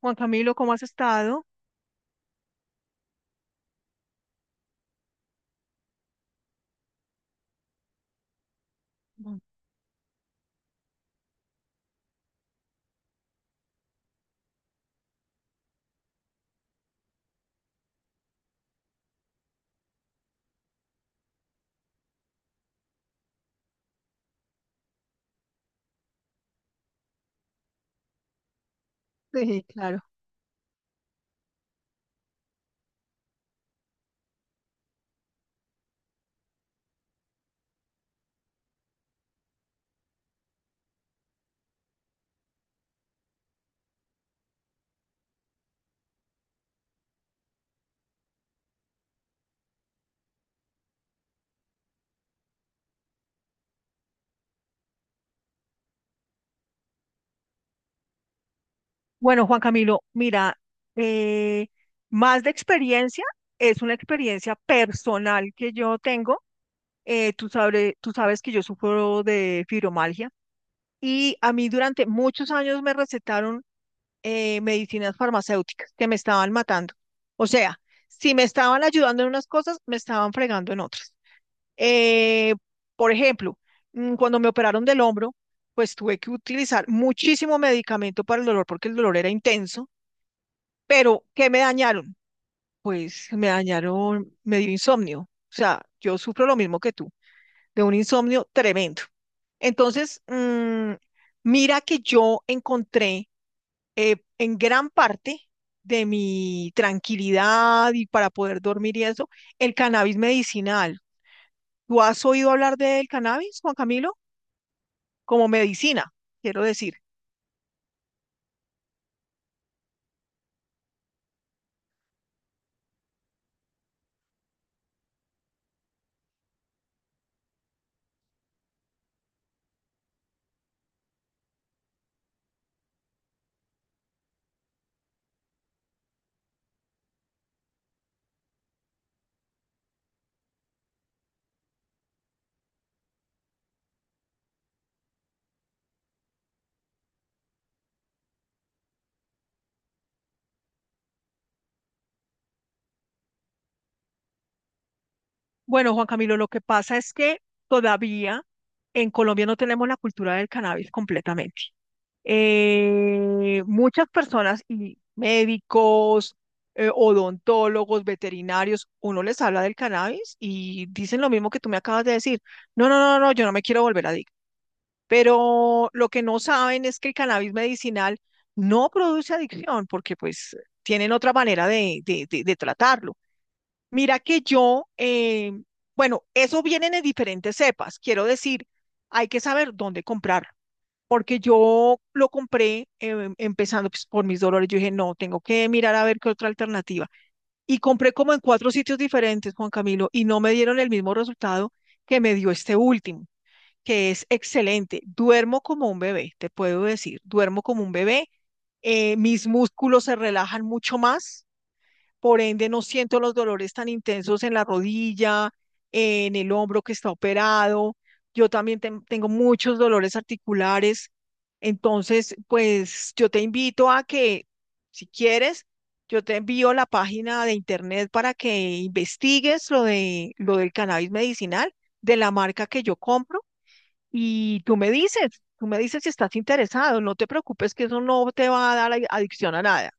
Juan Camilo, ¿cómo has estado? Mm. Sí, claro. Bueno, Juan Camilo, mira, eh, más de experiencia, es una experiencia personal que yo tengo. Tú sabes que yo sufro de fibromialgia y a mí durante muchos años me recetaron medicinas farmacéuticas que me estaban matando. O sea, si me estaban ayudando en unas cosas, me estaban fregando en otras. Eh, por ejemplo, cuando me operaron del hombro, pues tuve que utilizar muchísimo medicamento para el dolor porque el dolor era intenso, pero ¿qué me dañaron? Pues me dañaron, me dio insomnio. O sea, yo sufro lo mismo que tú, de un insomnio tremendo. Entonces, mm, mira que yo encontré en gran parte de mi tranquilidad y para poder dormir y eso, el cannabis medicinal. ¿Tú has oído hablar del cannabis, Juan Camilo? Como medicina, quiero decir. Bueno, Juan Camilo, lo que pasa es que todavía en Colombia no tenemos la cultura del cannabis completamente. Muchas personas y médicos, odontólogos, veterinarios, uno les habla del cannabis y dicen lo mismo que tú me acabas de decir. No, no, no, no, no, yo no me quiero volver adicto. Pero lo que no saben es que el cannabis medicinal no produce adicción porque pues tienen otra manera de, de tratarlo. Mira que yo, bueno, eso viene en diferentes cepas. Quiero decir, hay que saber dónde comprar porque yo lo compré empezando pues, por mis dolores. Yo dije, no, tengo que mirar a ver qué otra alternativa. Y compré como en cuatro sitios diferentes, Juan Camilo, y no me dieron el mismo resultado que me dio este último, que es excelente. Duermo como un bebé, te puedo decir, duermo como un bebé. Mis músculos se relajan mucho más, por ende, no siento los dolores tan intensos en la rodilla, en el hombro que está operado. Yo también tengo muchos dolores articulares. Entonces, pues yo te invito a que, si quieres, yo te envío la página de internet para que investigues lo del cannabis medicinal de la marca que yo compro y tú me dices si estás interesado. No te preocupes que eso no te va a dar adicción a nada.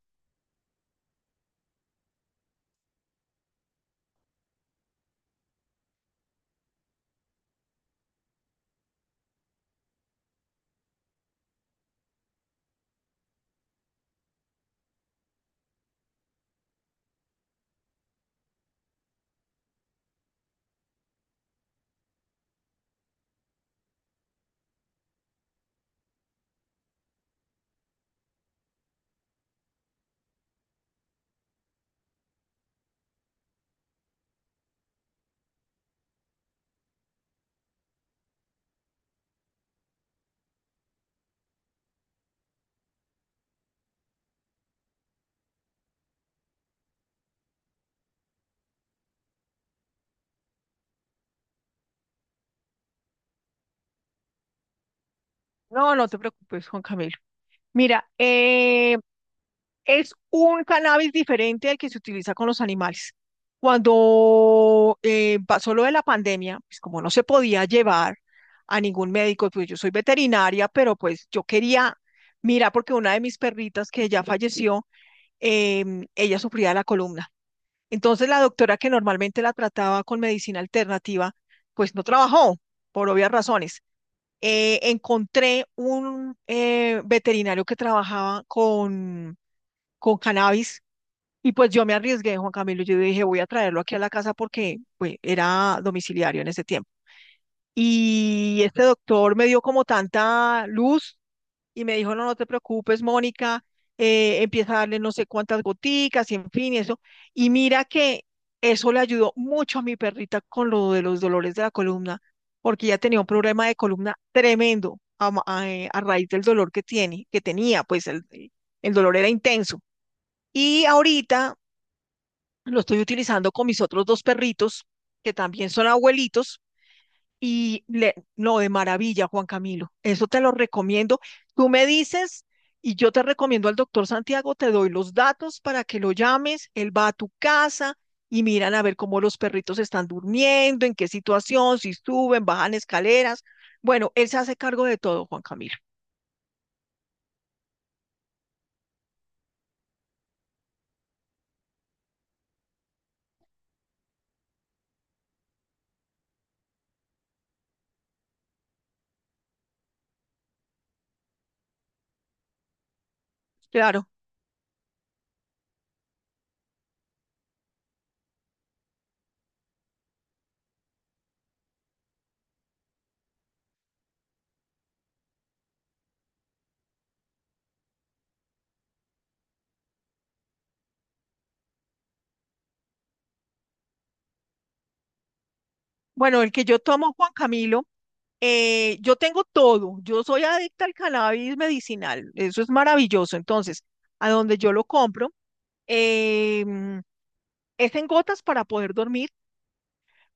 No, no te preocupes, Juan Camilo. Mira, es un cannabis diferente al que se utiliza con los animales. Cuando pasó lo de la pandemia, pues como no se podía llevar a ningún médico, pues yo soy veterinaria, pero pues yo quería, mira, porque una de mis perritas que ya falleció, ella sufría de la columna. Entonces la doctora que normalmente la trataba con medicina alternativa, pues no trabajó por obvias razones. Encontré un veterinario que trabajaba con cannabis y pues yo me arriesgué, Juan Camilo, yo dije, voy a traerlo aquí a la casa porque pues, era domiciliario en ese tiempo. Y este doctor me dio como tanta luz y me dijo, no, no te preocupes, Mónica, empieza a darle no sé cuántas goticas y en fin, y eso. Y mira que eso le ayudó mucho a mi perrita con lo de los dolores de la columna, porque ella tenía un problema de columna tremendo a, a raíz del dolor que tiene, que tenía, pues el el dolor era intenso. Y ahorita lo estoy utilizando con mis otros dos perritos, que también son abuelitos y le, no, de maravilla, Juan Camilo. Eso te lo recomiendo. Tú me dices y yo te recomiendo al doctor Santiago, te doy los datos para que lo llames, él va a tu casa y miran a ver cómo los perritos están durmiendo, en qué situación, si suben, bajan escaleras. Bueno, él se hace cargo de todo, Juan Camilo. Claro. Bueno, el que yo tomo, Juan Camilo, yo tengo todo. Yo soy adicta al cannabis medicinal. Eso es maravilloso. Entonces, a donde yo lo compro, em, es en gotas para poder dormir.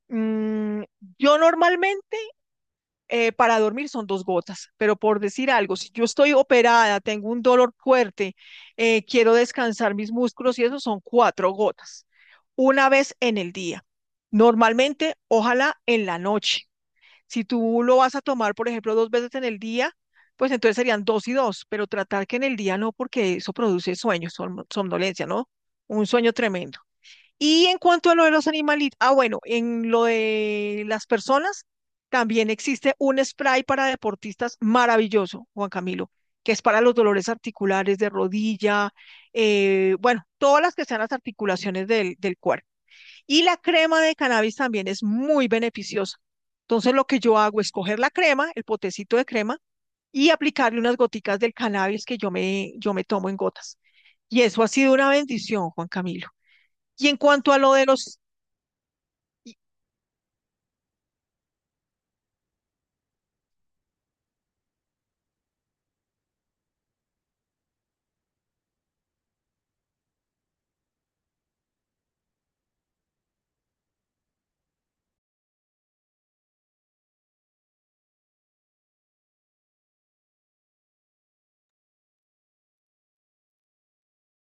Mm, yo normalmente para dormir son dos gotas, pero por decir algo, si yo estoy operada, tengo un dolor fuerte, quiero descansar mis músculos y eso son cuatro gotas, una vez en el día. Normalmente, ojalá en la noche. Si tú lo vas a tomar, por ejemplo, dos veces en el día, pues entonces serían dos y dos, pero tratar que en el día no, porque eso produce sueños, somnolencia, ¿no? Un sueño tremendo. Y en cuanto a lo de los animalitos, ah, bueno, en lo de las personas, también existe un spray para deportistas maravilloso, Juan Camilo, que es para los dolores articulares de rodilla, bueno, todas las que sean las articulaciones del cuerpo. Y la crema de cannabis también es muy beneficiosa. Entonces, lo que yo hago es coger la crema, el potecito de crema, y aplicarle unas goticas del cannabis que yo me tomo en gotas. Y eso ha sido una bendición, Juan Camilo. Y en cuanto a lo de los y-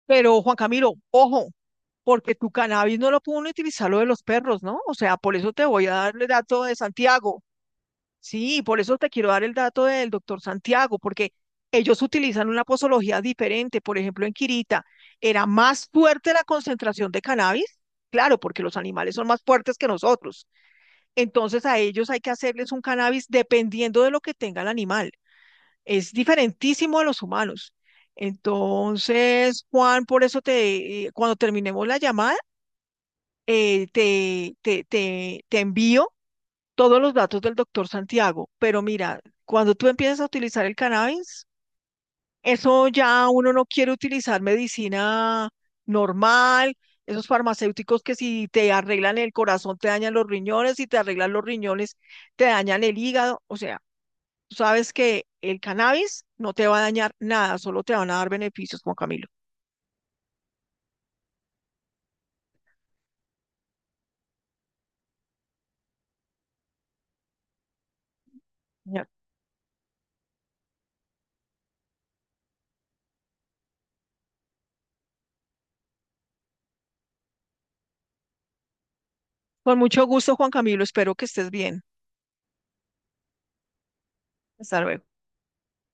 Pero Juan Camilo, ojo, porque tu cannabis no lo pueden utilizar lo de los perros, ¿no? O sea, por eso te voy a dar el dato de Santiago. Sí, por eso te quiero dar el dato del doctor Santiago, porque ellos utilizan una posología diferente. Por ejemplo, en Quirita era más fuerte la concentración de cannabis, claro, porque los animales son más fuertes que nosotros. Entonces a ellos hay que hacerles un cannabis dependiendo de lo que tenga el animal. Es diferentísimo a los humanos. Entonces, Juan, por eso te, cuando terminemos la llamada, te envío todos los datos del doctor Santiago. Pero mira, cuando tú empiezas a utilizar el cannabis, eso ya uno no quiere utilizar medicina normal, esos farmacéuticos que si te arreglan el corazón te dañan los riñones, si te arreglan los riñones te dañan el hígado, o sea. Tú sabes que el cannabis no te va a dañar nada, solo te van a dar beneficios, Juan Camilo. Señor. Con mucho gusto, Juan Camilo. Espero que estés bien. Hasta luego.